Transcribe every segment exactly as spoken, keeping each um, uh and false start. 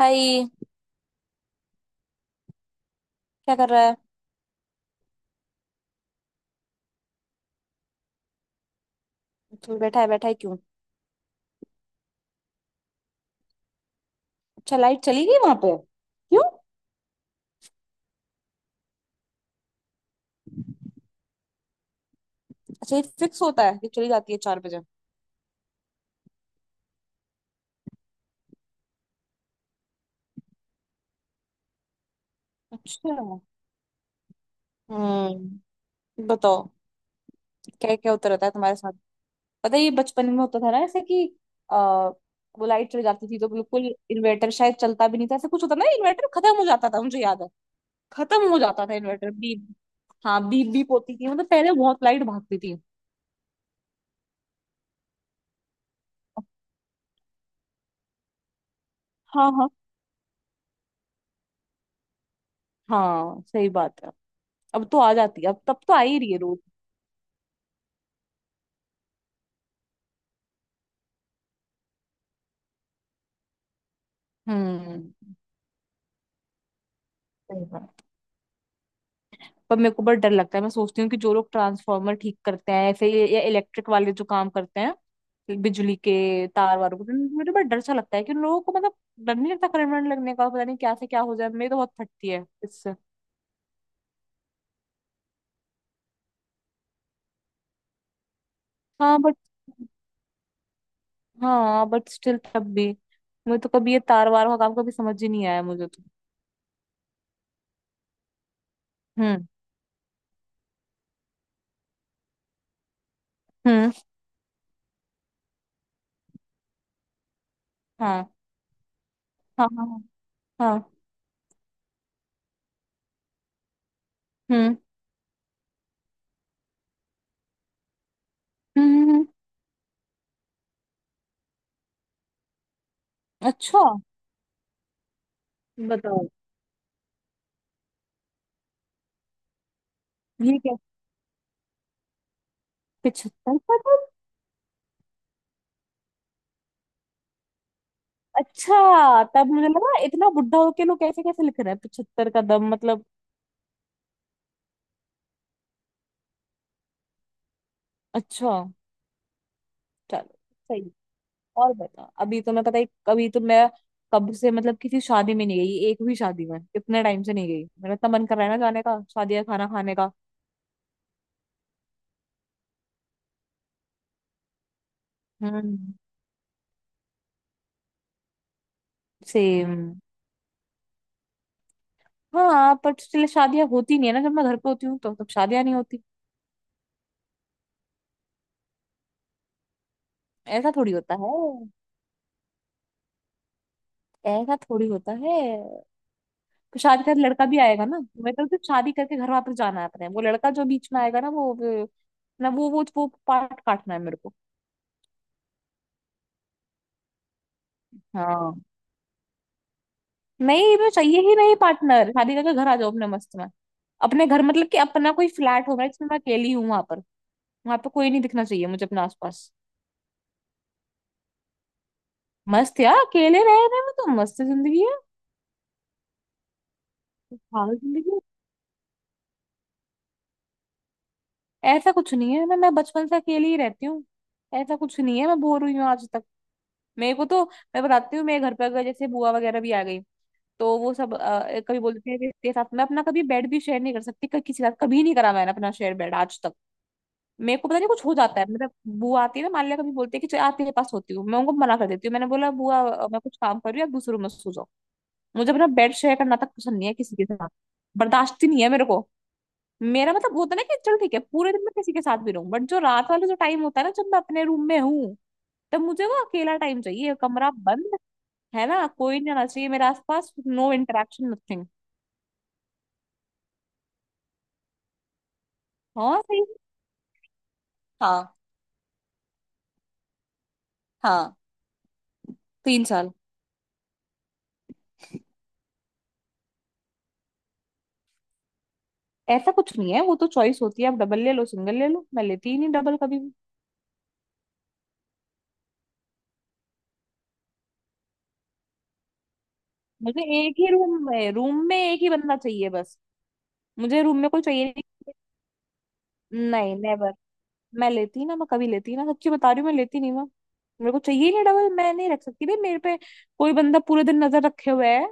हाय। क्या कर रहा है। चल बैठा है, बैठा है क्यों। अच्छा, लाइट चली गई वहां पे क्यों। अच्छा, ये फिक्स होता है कि चली जाती है चार बजे। अच्छा। हम्म। बताओ। क्या क्या होता रहता है तुम्हारे साथ। पता है ये बचपन में होता था ना ऐसे कि आ, वो लाइट चली जाती थी तो बिल्कुल इन्वर्टर शायद चलता भी नहीं था, ऐसे कुछ होता ना, इन्वर्टर खत्म हो जाता था, मुझे याद है। खत्म हो जाता था इन्वर्टर, बीप। हाँ बीप बीप होती थी। मतलब पहले बहुत लाइट भागती थी। हाँ हाँ। हाँ सही बात है। अब तो आ जाती है, अब तब तो आ ही रही है रोज। हम्म। सही बात। पर मेरे को बहुत डर लगता है, मैं सोचती हूँ कि जो लोग ट्रांसफार्मर ठीक करते हैं, ऐसे ये- या इलेक्ट्रिक वाले जो काम करते हैं, बिजली के तार वारों को, तो मुझे बड़ा डर सा लगता है कि उन लोगों को मतलब डर नहीं लगता करंट वरंट लगने का, पता नहीं क्या से क्या हो जाए, मेरी तो बहुत फटती है इससे। हाँ बट। हाँ बट स्टिल तब भी मुझे तो कभी ये तार वार का काम कभी समझ ही नहीं आया मुझे तो। हम्म। हम्म। हाँ हाँ हाँ हाँ। हम्म। हम्म। हम्म, हम्म। अच्छा। बताओ। ये क्या। पिछहत्तर। अच्छा, तब मुझे लगा इतना बुढ़ा होके लोग कैसे कैसे लिख रहे हैं, पिछहत्तर कदम, मतलब। अच्छा। चलो। सही। और बता, अभी तो मैं, पता है कभी तो मैं, कब से मतलब किसी शादी में नहीं गई, एक भी शादी में इतने टाइम से नहीं गई, मेरा इतना मन कर रहा है ना जाने का, शादी या खाना खाने का। हम्म। सेम। हाँ, पर इसलिए शादियां होती नहीं है ना, जब मैं घर पे होती हूँ तो तब शादियां नहीं होती। ऐसा थोड़ी होता है। ऐसा थोड़ी होता है। तो शादी का लड़का भी आएगा ना। मैं कहती हूँ शादी करके घर वापस जाना है अपने, वो लड़का जो बीच में आएगा ना वो वो- ना वो वो वो पार्ट काटना है मेरे को। हाँ। नहीं, मैं चाहिए ही नहीं पार्टनर, शादी करके घर आ जाओ अपने मस्त में। अपने घर मतलब कि अपना कोई फ्लैट होगा जिसमें मैं अकेली हूँ वहां पर। वहां पे कोई नहीं दिखना चाहिए मुझे अपने आसपास। मस्त यार, अकेले रह रहे में तो मस्त जिंदगी है। पागल जिंदगी है। ऐसा कुछ नहीं है ना, मैं बचपन से अकेली ही रहती हूँ। ऐसा कुछ नहीं है, मैं बोर हुई हूँ आज तक, मेरे को तो। मैं बताती हूँ, मेरे घर पे अगर जैसे बुआ वगैरह भी आ गई, तो वो सब अ, कभी बोलते हैं कि इसके साथ मैं अपना कभी बेड भी शेयर नहीं कर सकती, क- किसी के साथ कभी नहीं करा मैंने अपना शेयर बेड आज तक। मेरे को पता नहीं कुछ हो जाता है मतलब। बुआ आती है ना, मान लिया कभी बोलते हैं कि चल आज तेरे पास सोती हूँ, मैं उनको मना कर देती हूँ, मैंने बोला बुआ अ, मैं कुछ काम कर रही हूँ, आप दूसरे रूम में सो जाओ। मुझे अपना बेड शेयर करना तक पसंद नहीं है किसी के साथ। बर्दाश्त ही नहीं है मेरे को। मेरा मतलब होता है ना कि चल ठीक है पूरे दिन मैं किसी के साथ भी रहूं, बट जो रात वाला जो टाइम होता है ना, जब मैं अपने रूम में हूँ, तब मुझे वो अकेला टाइम चाहिए, कमरा बंद, है ना, कोई नहीं आना चाहिए मेरे आसपास, नो इंटरेक्शन, नथिंग। हाँ सही है। हाँ। हाँ। तीन साल। ऐसा कुछ नहीं है, वो तो चॉइस होती है, आप डबल ले लो सिंगल ले लो, मैं लेती ही नहीं डबल कभी भी। मुझे एक ही रूम में, रूम में एक ही बंदा चाहिए बस। मुझे रूम में कोई चाहिए। नहीं नहीं, नेवर। मैं लेती ही ना, मैं कभी लेती ही ना, सच्ची बता रही हूँ, मैं लेती नहीं मैं। मेरे को चाहिए ही नहीं डबल, मैं नहीं रख सकती भाई मेरे पे कोई बंदा पूरे दिन नजर रखे हुए है।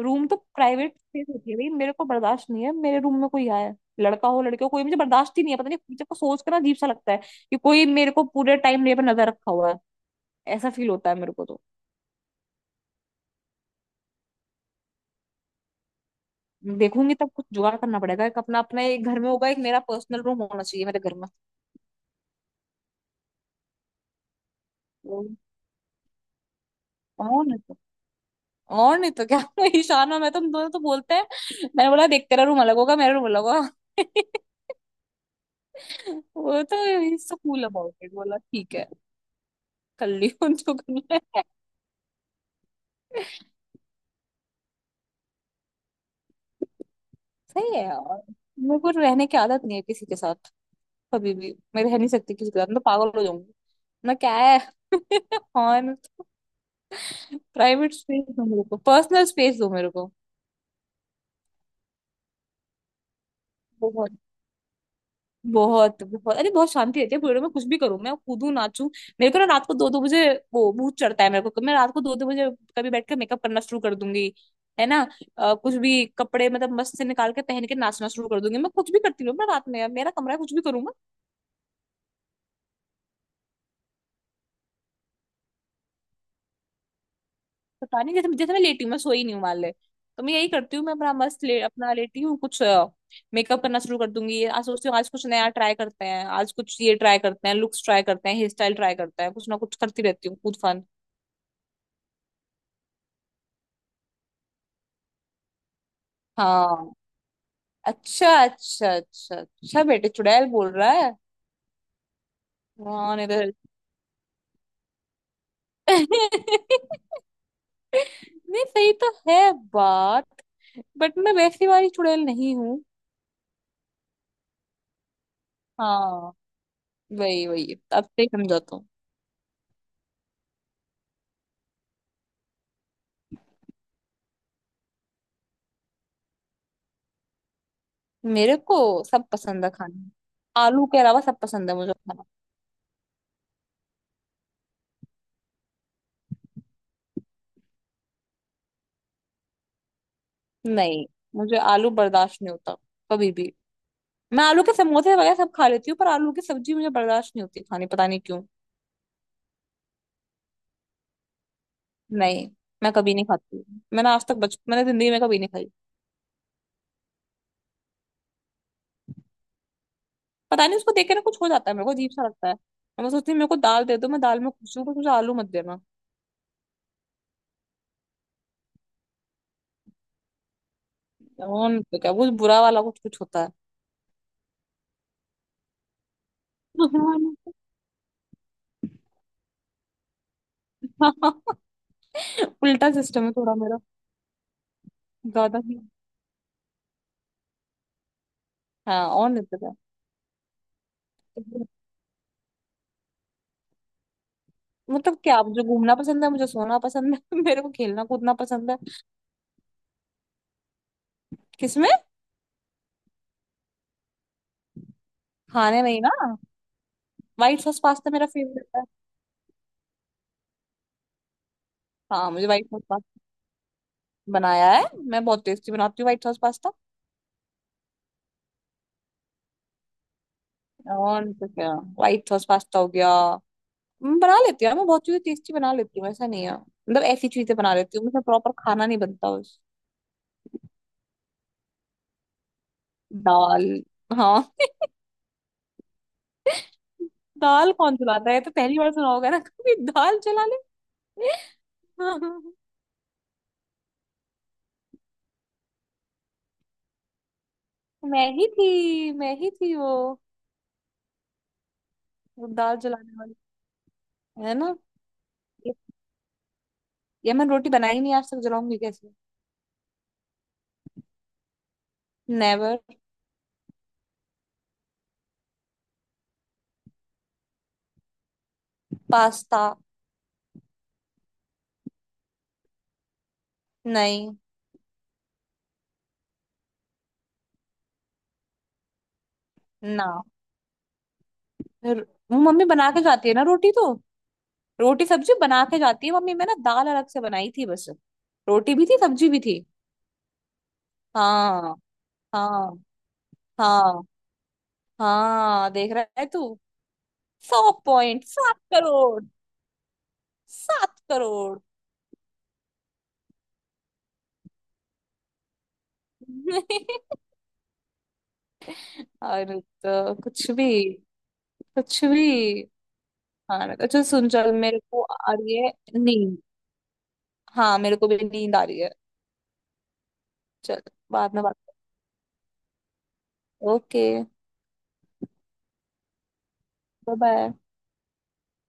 रूम तो प्राइवेट स्पेस होती है भाई, मेरे को बर्दाश्त नहीं है मेरे रूम में कोई आए। लड़का हो लड़की हो कोई, मुझे बर्दाश्त ही नहीं है। पता नहीं मुझे को सोच कर ना अजीब सा लगता है कि कोई मेरे को पूरे टाइम मेरे पर नजर रखा हुआ है। ऐसा फील होता है मेरे को तो। देखूंगी तब, कुछ जुगाड़ करना पड़ेगा, एक अपना, अपना एक घर में होगा, एक मेरा पर्सनल रूम होना चाहिए मेरे घर में। और नहीं तो। और नहीं तो क्या। ईशान और मैं तुम दोनों तो बोलते हैं। मैंने बोला देख तेरा रूम अलग होगा मेरा रूम अलग होगा। वो तो इससे कूल अबाउट इट, बोला ठीक है, कर लियो जो करना है। सही है यार, मेरे को रहने की आदत नहीं है किसी के साथ। कभी भी मैं रह नहीं सकती किसी के साथ, मैं तो पागल हो जाऊंगी। मैं क्या है। और प्राइवेट स्पेस दो मेरे को, पर्सनल स्पेस दो मेरे को। बहुत बहुत बहुत, अरे बहुत शांति रहती है पूरे में, कुछ भी करूँ मैं कूदू नाचू। मेरे को ना रात को दो दो बजे वो भूत चढ़ता है, मेरे को मैं रात को दो दो बजे कभी बैठ कर मेकअप करना शुरू कर दूंगी, है ना। अ, कुछ भी कपड़े मतलब मस्त से निकाल के पहन के नाचना शुरू कर दूंगी। मैं कुछ भी करती हूँ मैं रात में, मेरा कमरा है, कुछ भी करूँ मैं। पता नहीं जैसे जैसे मैं लेटी हूँ, मैं सोई नहीं हूँ मान ले, तो मैं यही करती हूँ, मैं अपना मस्त ले अपना लेटी हूँ कुछ मेकअप करना शुरू कर दूंगी। आज सोचती हूँ आज कुछ नया ट्राई करते हैं, आज कुछ ये ट्राई करते हैं, लुक्स ट्राई करते हैं, हेयर स्टाइल ट्राई करते हैं, कुछ ना कुछ करती रहती हूँ कूद फान। हाँ। अच्छा अच्छा अच्छा अच्छा, बेटे चुड़ैल बोल रहा है। कौन इधर। नहीं, सही तो है बात, बट मैं वैसी वाली चुड़ैल नहीं हूँ। हाँ। वही वही, अब से ही समझाता हूँ। मेरे को सब पसंद है खाना। आलू के अलावा सब पसंद है मुझे खाना। नहीं, मुझे आलू बर्दाश्त नहीं होता कभी भी। मैं आलू के समोसे वगैरह सब खा लेती हूँ, पर आलू की सब्जी मुझे बर्दाश्त नहीं होती खानी, पता नहीं क्यों। नहीं, मैं कभी नहीं खाती, मैंने आज तक बच मैंने जिंदगी में कभी नहीं खाई। पता नहीं उसको देख के ना कुछ हो जाता है मेरे को, अजीब सा लगता है, और मैं सोचती हूँ मेरे को दाल दे दो, मैं दाल में खुश हूँ, बस मुझे आलू मत देना। और नहीं तो क्या, वो बुरा वाला कुछ कुछ होता है। उल्टा सिस्टम है थोड़ा मेरा। ज्यादा ही। हाँ और नहीं तो क्या। मतलब क्या, मुझे घूमना पसंद है, मुझे सोना पसंद है, मेरे को खेलना कूदना पसंद है। किसमें। खाने नहीं ना। व्हाइट सॉस पास्ता मेरा फेवरेट है। हाँ मुझे व्हाइट सॉस पास्ता बनाया है। मैं बहुत टेस्टी बनाती हूँ व्हाइट सॉस पास्ता। और नहीं तो क्या, व्हाइट सॉस पास्ता हो गया, मैं बना लेती हूँ यार, मैं बहुत चीजें टेस्टी बना लेती हूँ। ऐसा नहीं है मतलब, ऐसी चीजें बना लेती हूँ, मतलब प्रॉपर खाना नहीं बनता बस। दाल। हाँ। दाल कौन चलाता है, ये तो पहली बार सुना होगा ना, कभी दाल चला ले। हाँ, मैं ही थी मैं ही थी वो वो दाल जलाने वाली। है ना। ये ये मैं रोटी बनाई नहीं आज तक, जलाऊंगी कैसे। नेवर। पास्ता। नहीं ना। फिर- वो मम्मी बना के जाती है ना रोटी तो, रोटी सब्जी बना के जाती है मम्मी, मैं ना दाल अलग से बनाई थी बस, रोटी भी थी सब्जी भी थी। हाँ। हाँ। हाँ। हाँ देख रहा है तू। सौ पॉइंट सात करोड़। सात करोड़। और तो कुछ भी। कुछ भी। हाँ ना, अच्छा सुन चल मेरे को आ रही है नींद। हाँ मेरे को भी नींद आ रही है। चल, बाद में बात। Okay, bye. बाय।